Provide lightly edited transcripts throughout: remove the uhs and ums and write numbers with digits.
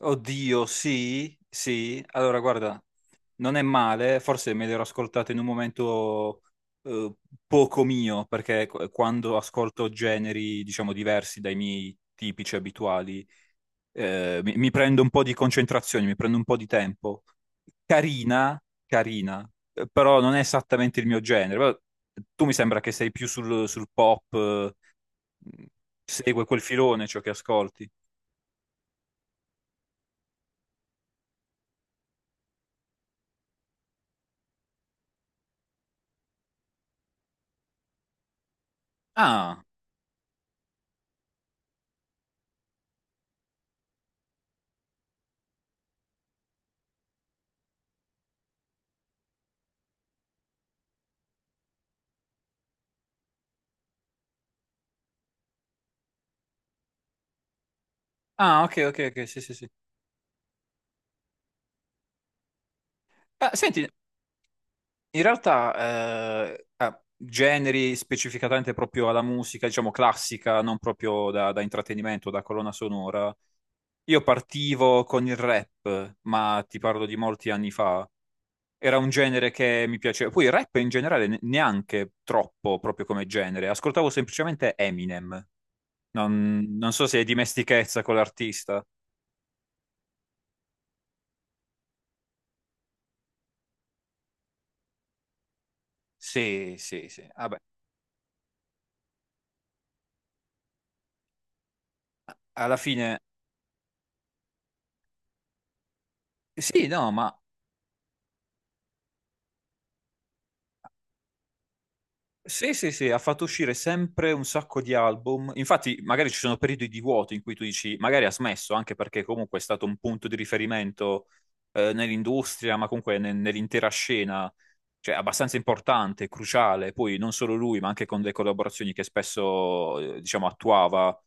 Oddio, sì, sì. Allora, guarda, non è male, forse me l'ero ascoltato in un momento eh, poco mio, perché quando ascolto generi, diciamo, diversi dai miei tipici abituali, mi prendo un po' di concentrazione, mi prendo un po' di tempo. Carina, carina, però non è esattamente il mio genere. Però tu mi sembra che sei più sul pop, segue quel filone ciò che ascolti. Ah, ah, ok, ok, ok, sì, sì, sì. Ah, senti, in realtà, generi specificatamente proprio alla musica, diciamo classica, non proprio da intrattenimento, da colonna sonora. Io partivo con il rap, ma ti parlo di molti anni fa. Era un genere che mi piaceva. Poi il rap in generale neanche troppo proprio come genere. Ascoltavo semplicemente Eminem. Non so se è dimestichezza con l'artista. Sì, sì, sì. Vabbè, alla fine, sì, no, ma sì, sì, sì, ha fatto uscire sempre un sacco di album. Infatti, magari ci sono periodi di vuoto in cui tu dici, magari ha smesso, anche perché comunque è stato un punto di riferimento nell'industria, ma comunque nell'intera scena, cioè abbastanza importante, cruciale. Poi non solo lui, ma anche con le collaborazioni che spesso, diciamo, attuava,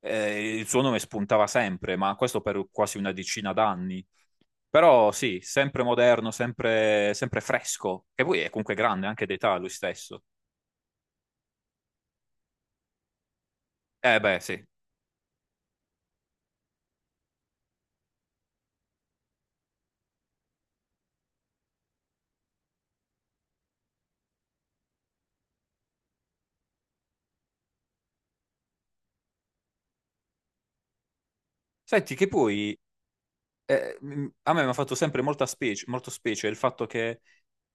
il suo nome spuntava sempre, ma questo per quasi una decina d'anni. Però sì, sempre moderno, sempre, sempre fresco, che poi è comunque grande anche d'età lui stesso. Eh beh, sì. Senti, che poi a me mi ha fatto sempre molta specie, molto specie il fatto che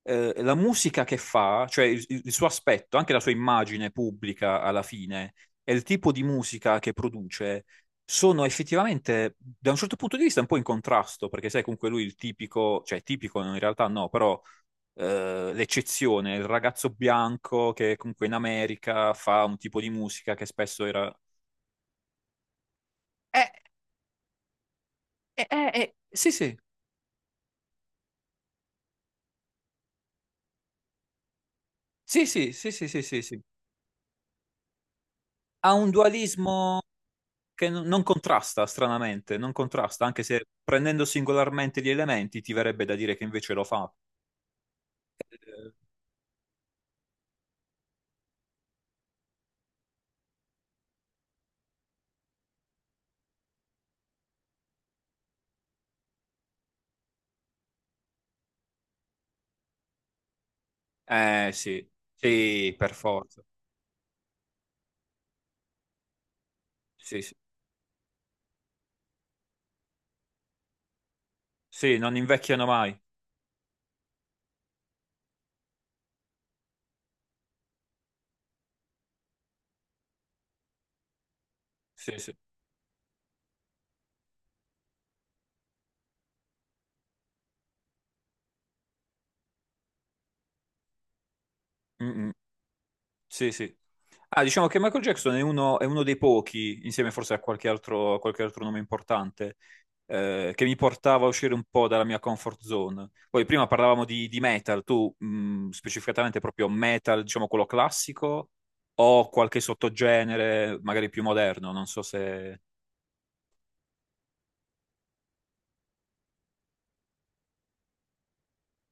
la musica che fa, cioè il suo aspetto, anche la sua immagine pubblica alla fine, e il tipo di musica che produce, sono effettivamente, da un certo punto di vista, un po' in contrasto, perché sai, comunque lui il tipico, cioè tipico in realtà no, però l'eccezione, il ragazzo bianco che comunque in America fa un tipo di musica che spesso era... Eh, sì, sì, sì, sì, sì, sì, sì, sì. Sì. Ha un dualismo che non contrasta, stranamente, non contrasta, anche se prendendo singolarmente gli elementi ti verrebbe da dire che invece lo fa. Eh sì, sì, per forza. Sì, sì. Sì, non invecchiano mai. Sì, sì. Mm, mm. Sì, sì. Ah, diciamo che Michael Jackson è uno dei pochi, insieme forse a qualche altro nome importante, che mi portava a uscire un po' dalla mia comfort zone. Poi prima parlavamo di metal, tu specificatamente proprio metal, diciamo quello classico, o qualche sottogenere magari più moderno, non so se...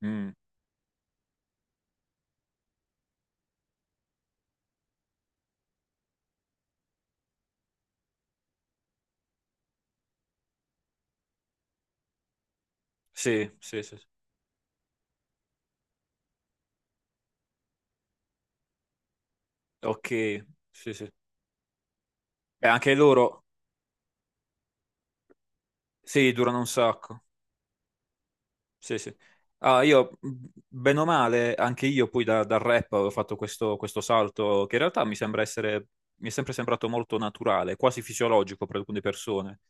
Mm, sì, sì, sì. Sì. Ok, sì, sì. E anche loro, sì, durano un sacco. Sì, sì. Ah, io, bene o male, anche io poi dal rap ho fatto questo salto che in realtà mi sembra essere, mi è sempre sembrato molto naturale, quasi fisiologico per alcune persone.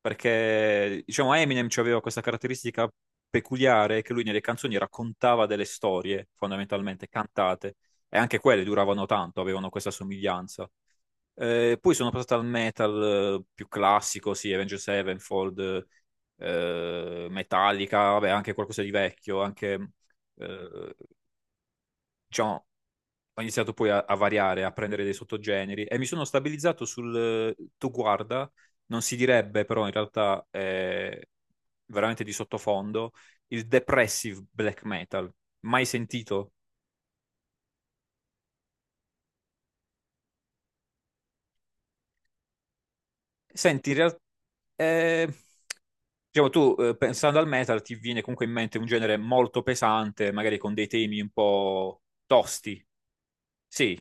Perché, diciamo, Eminem aveva questa caratteristica peculiare che lui nelle canzoni raccontava delle storie, fondamentalmente, cantate. E anche quelle duravano tanto, avevano questa somiglianza. Poi sono passato al metal più classico, sì, Avenged Sevenfold, Metallica, vabbè, anche qualcosa di vecchio, anche, eh, diciamo, ho iniziato poi a variare, a prendere dei sottogeneri e mi sono stabilizzato sul tu guarda, non si direbbe, però in realtà è veramente di sottofondo, il depressive black metal, mai sentito? Senti, in realtà... Diciamo, tu pensando al metal ti viene comunque in mente un genere molto pesante, magari con dei temi un po' tosti. Sì,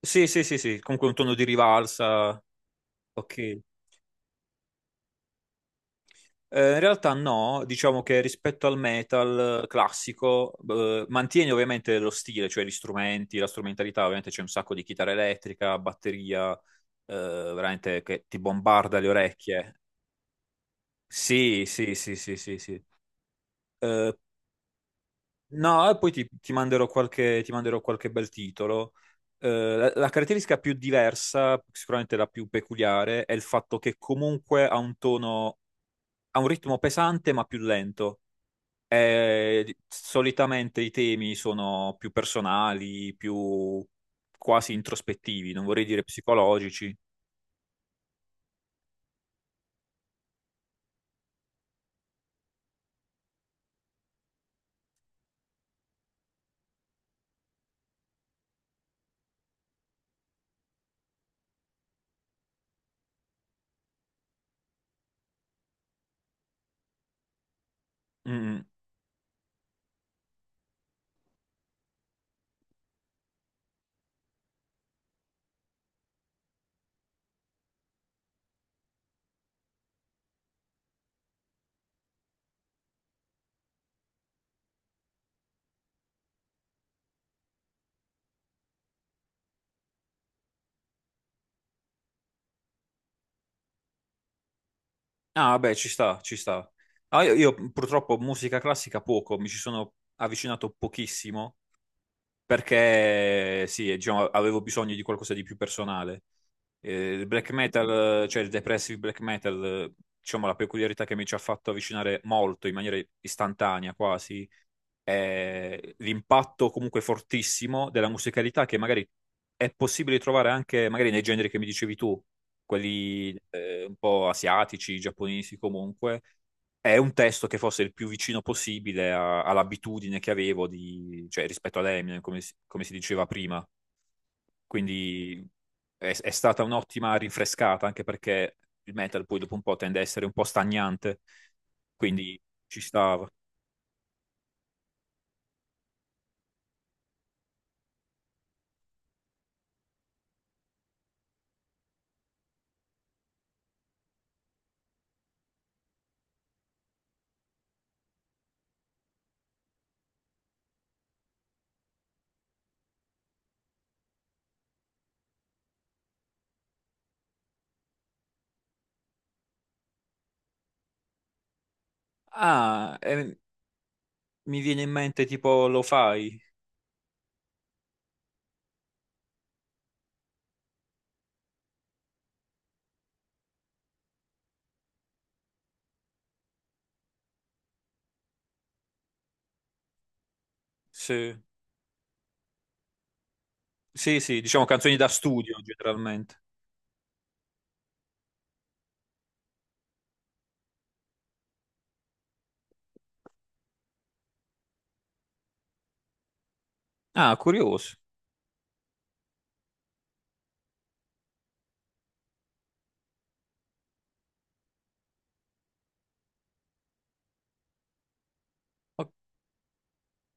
sì, sì, sì, sì, comunque un tono di rivalsa. Ok. In realtà no, diciamo che rispetto al metal classico mantieni ovviamente lo stile, cioè gli strumenti, la strumentalità, ovviamente c'è un sacco di chitarra elettrica, batteria, eh, veramente che ti bombarda le orecchie. Sì, sì, sì, sì, sì, sì. Eh, No, e poi ti manderò qualche bel titolo. La caratteristica più diversa, sicuramente la più peculiare, è il fatto che comunque ha un tono, ha un ritmo pesante ma più lento. E solitamente i temi sono più personali, più quasi introspettivi, non vorrei dire psicologici. Mm. Ah, beh, ci sta, ci sta. Ah, io purtroppo musica classica poco, mi ci sono avvicinato pochissimo perché sì, diciamo, avevo bisogno di qualcosa di più personale. Il black metal, cioè il depressive black metal, diciamo la peculiarità che mi ci ha fatto avvicinare molto, in maniera istantanea quasi, l'impatto comunque fortissimo della musicalità che magari è possibile trovare anche magari nei generi che mi dicevi tu, quelli un po' asiatici, giapponesi comunque. È un testo che fosse il più vicino possibile all'abitudine che avevo di, cioè, rispetto ad Eminem, come si diceva prima. Quindi è stata un'ottima rinfrescata, anche perché il metal poi dopo un po' tende a essere un po' stagnante, quindi ci stava. Ah, mi viene in mente tipo lo fai? Sì. Sì, sì, diciamo canzoni da studio generalmente. Ah, curioso. Ok.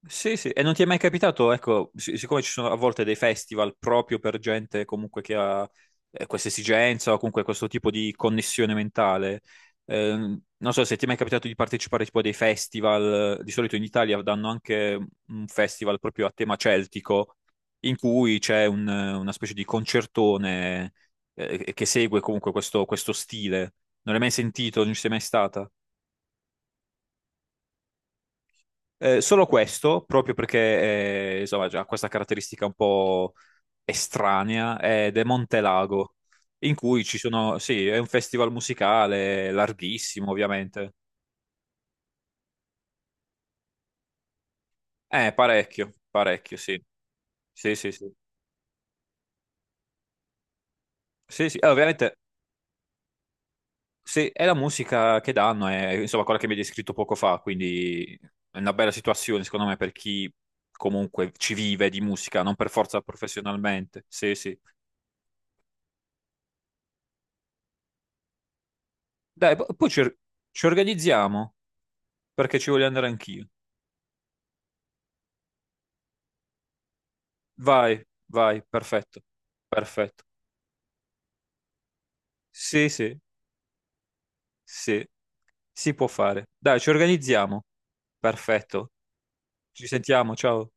Sì, sì, e non ti è mai capitato, ecco, siccome ci sono a volte dei festival proprio per gente comunque che ha questa esigenza o comunque questo tipo di connessione mentale, non so se ti è mai capitato di partecipare tipo a dei festival, di solito in Italia danno anche un festival proprio a tema celtico, in cui c'è una specie di concertone che segue comunque questo stile. Non l'hai mai sentito, non ci sei mai stata? Solo questo, proprio perché insomma, ha questa caratteristica un po' estranea, è De Montelago, in cui ci sono, sì, è un festival musicale larghissimo, ovviamente. Parecchio, parecchio, sì. Sì, sì, sì. Sì, sì, ovviamente, sì, è la musica che danno, è insomma quella che mi hai descritto poco fa, quindi è una bella situazione, secondo me, per chi comunque ci vive di musica, non per forza professionalmente. Sì, sì. Dai, poi ci organizziamo. Perché ci voglio andare anch'io. Vai, vai, perfetto, perfetto. Sì, sì, sì, si può fare. Dai, ci organizziamo. Perfetto. Ci sentiamo, ciao.